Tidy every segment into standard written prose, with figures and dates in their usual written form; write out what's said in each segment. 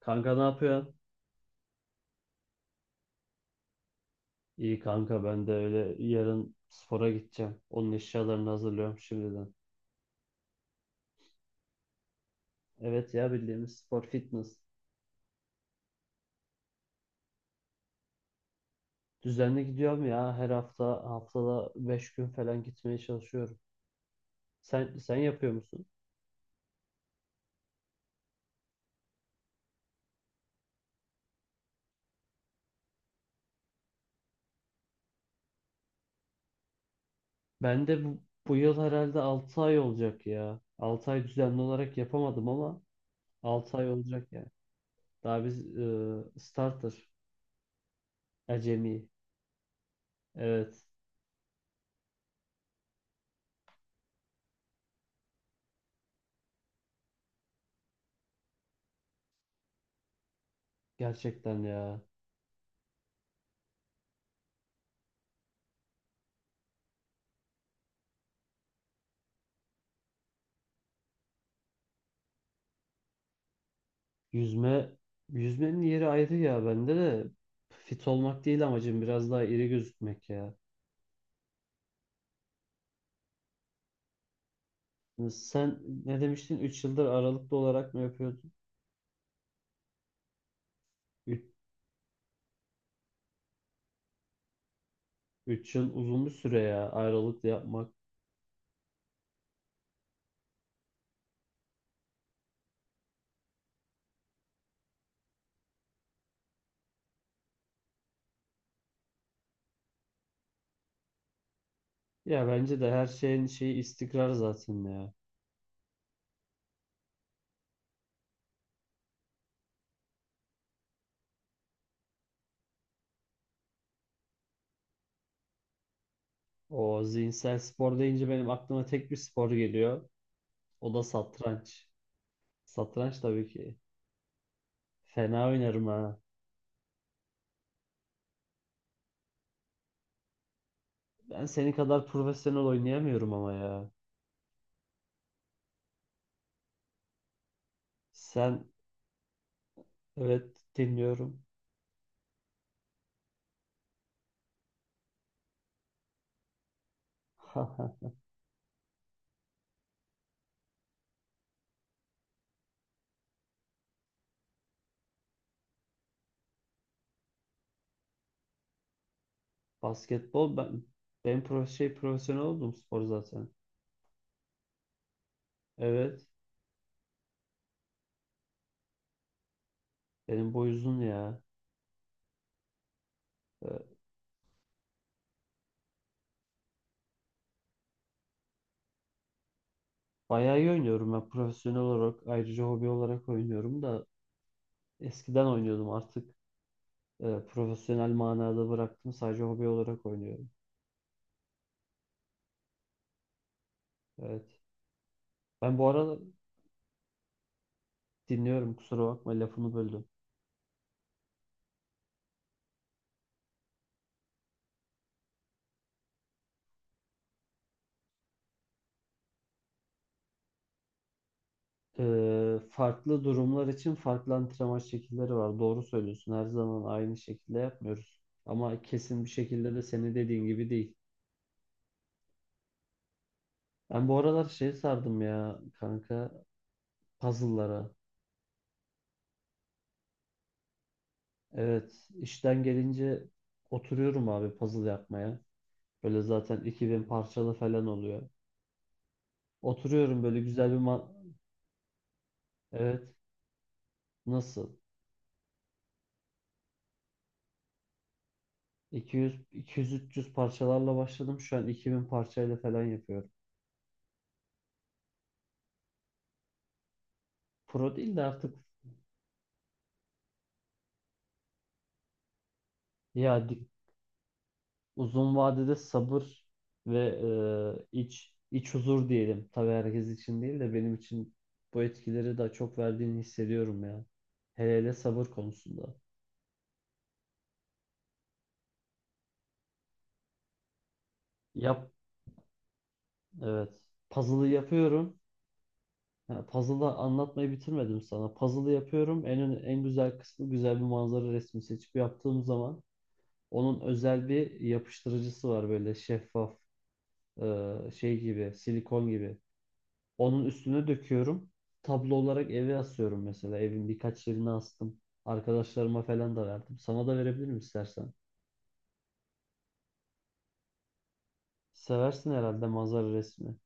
Kanka ne yapıyorsun? İyi kanka, ben de öyle, yarın spora gideceğim. Onun eşyalarını hazırlıyorum şimdiden. Evet ya, bildiğimiz spor, fitness. Düzenli gidiyorum ya, her hafta, haftada 5 gün falan gitmeye çalışıyorum. Sen yapıyor musun? Ben de bu yıl herhalde 6 ay olacak ya. 6 ay düzenli olarak yapamadım ama 6 ay olacak yani. Daha biz acemi. Evet, gerçekten ya. Yüzme, yüzmenin yeri ayrı ya, bende de fit olmak değil amacım, biraz daha iri gözükmek ya. Hani sen ne demiştin, 3 yıldır aralıklı olarak mı yapıyordun? 3 yıl uzun bir süre ya, aralıklı yapmak. Ya bence de her şeyin şeyi istikrar zaten ya. O zihinsel spor deyince benim aklıma tek bir spor geliyor. O da satranç. Satranç tabii ki. Fena oynarım ha. Ben senin kadar profesyonel oynayamıyorum ama ya. Sen, evet, dinliyorum. Basketbol, ben profesyonel oldum spor zaten. Evet. Benim boy uzun ya. Ee, Bayağı iyi oynuyorum ben profesyonel olarak, ayrıca hobi olarak oynuyorum da. Eskiden oynuyordum, artık profesyonel manada bıraktım, sadece hobi olarak oynuyorum. Evet. Ben bu arada, dinliyorum, kusura bakma, lafını böldüm. Farklı durumlar için farklı antrenman şekilleri var. Doğru söylüyorsun. Her zaman aynı şekilde yapmıyoruz. Ama kesin bir şekilde de senin dediğin gibi değil. Ben bu aralar şey sardım ya kanka, puzzle'lara. Evet, işten gelince oturuyorum abi puzzle yapmaya. Böyle zaten 2000 parçalı falan oluyor. Oturuyorum böyle güzel bir. Evet, nasıl? 200, 200-300 parçalarla başladım. Şu an 2000 parçayla falan yapıyorum. Pro değil de artık ya, uzun vadede sabır ve iç huzur diyelim. Tabii herkes için değil de benim için bu etkileri daha çok verdiğini hissediyorum ya. Hele hele sabır konusunda. Yap, evet. Puzzle'ı yapıyorum. Ha, puzzle'ı anlatmayı bitirmedim sana. Puzzle'ı yapıyorum. En güzel kısmı, güzel bir manzara resmi seçip yaptığım zaman onun özel bir yapıştırıcısı var, böyle şeffaf, şey gibi, silikon gibi. Onun üstüne döküyorum. Tablo olarak eve asıyorum mesela. Evin birkaç yerine astım. Arkadaşlarıma falan da verdim. Sana da verebilirim istersen. Seversin herhalde manzara resmi.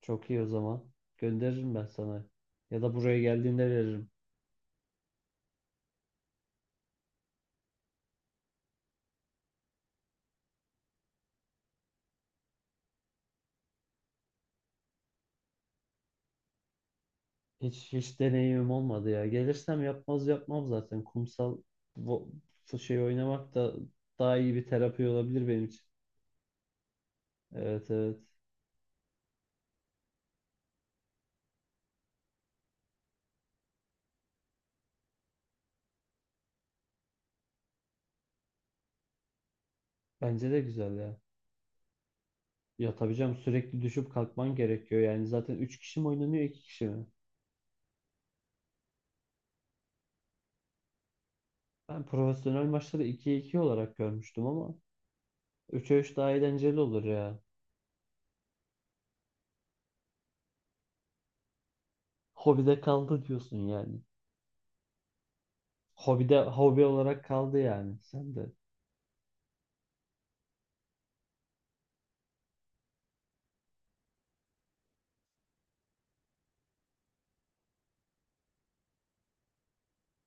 Çok iyi o zaman. Gönderirim ben sana. Ya da buraya geldiğinde veririm. Hiç deneyimim olmadı ya. Gelirsem yapmam zaten. Kumsal vo- şey oynamak da daha iyi bir terapi olabilir benim için. Evet, evet. Bence de güzel ya. Ya tabii canım, sürekli düşüp kalkman gerekiyor. Yani zaten 3 kişi mi oynanıyor, 2 kişi mi? Ben profesyonel maçları 2'ye 2 olarak görmüştüm ama 3'e 3 daha eğlenceli olur ya. Hobide kaldı diyorsun yani. Hobide, hobi olarak kaldı yani sen de.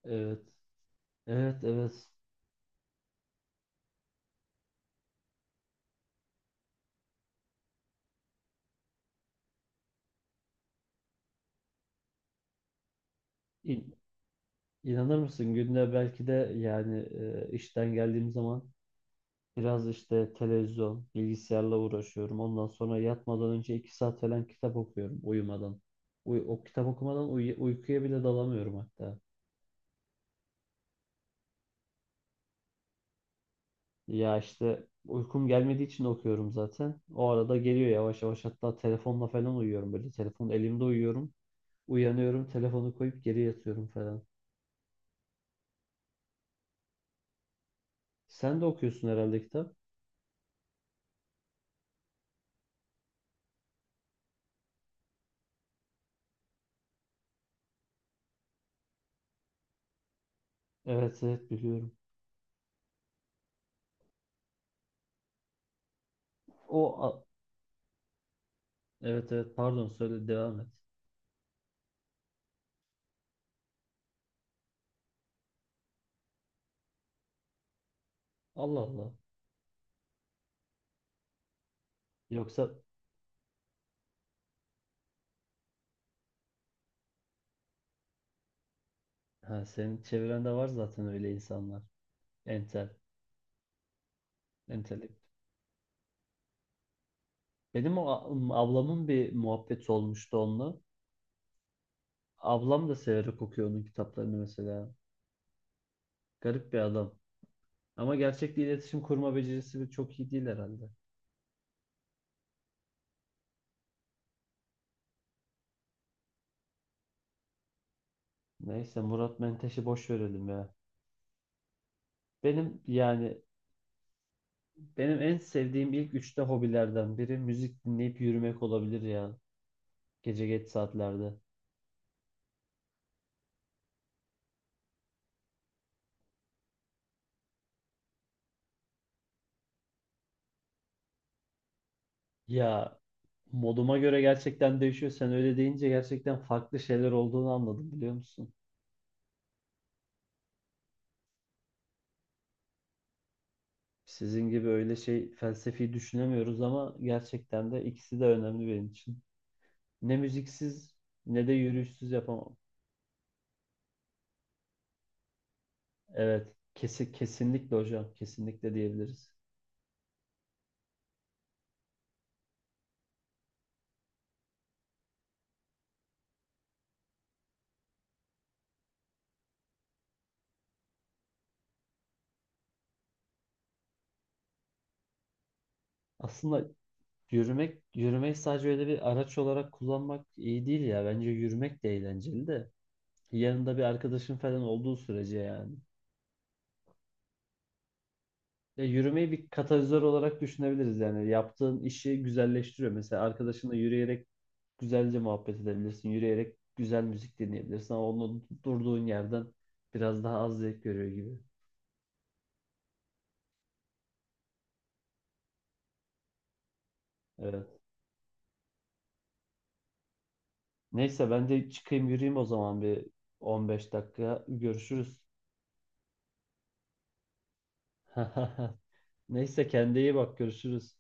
Evet. Evet, evet. İn, inanır mısın, günde belki de yani işten geldiğim zaman biraz işte televizyon, bilgisayarla uğraşıyorum. Ondan sonra yatmadan önce 2 saat falan kitap okuyorum uyumadan. O kitap okumadan uykuya bile dalamıyorum hatta. Ya işte uykum gelmediği için okuyorum zaten. O arada geliyor yavaş yavaş, hatta telefonla falan uyuyorum böyle. Telefon elimde uyuyorum. Uyanıyorum, telefonu koyup geri yatıyorum falan. Sen de okuyorsun herhalde kitap. Evet, evet, biliyorum. O a- evet, evet, pardon, söyle, devam et. Allah Allah. Yoksa, ha, senin çevrende var zaten öyle insanlar. Entel, entelek. Benim ablamın bir muhabbeti olmuştu onunla. Ablam da severek okuyor onun kitaplarını mesela. Garip bir adam. Ama gerçekte iletişim kurma becerisi bir çok iyi değil herhalde. Neyse, Murat Menteş'i boş verelim ya. Benim, yani benim en sevdiğim ilk üçte hobilerden biri müzik dinleyip yürümek olabilir ya. Gece geç saatlerde. Ya moduma göre gerçekten değişiyor. Sen öyle deyince gerçekten farklı şeyler olduğunu anladım, biliyor musun? Sizin gibi öyle şey felsefi düşünemiyoruz ama gerçekten de ikisi de önemli benim için. Ne müziksiz ne de yürüyüşsüz yapamam. Evet, kesinlikle hocam, kesinlikle diyebiliriz. Aslında yürümeyi sadece öyle bir araç olarak kullanmak iyi değil ya. Bence yürümek de eğlenceli de. Yanında bir arkadaşın falan olduğu sürece yani. Ya yürümeyi bir katalizör olarak düşünebiliriz yani. Yaptığın işi güzelleştiriyor. Mesela arkadaşınla yürüyerek güzelce muhabbet edebilirsin. Yürüyerek güzel müzik dinleyebilirsin ama onu durduğun yerden biraz daha az zevk görüyor gibi. Evet. Neyse ben de çıkayım, yürüyeyim o zaman, bir 15 dakika görüşürüz. Neyse, kendine iyi bak, görüşürüz.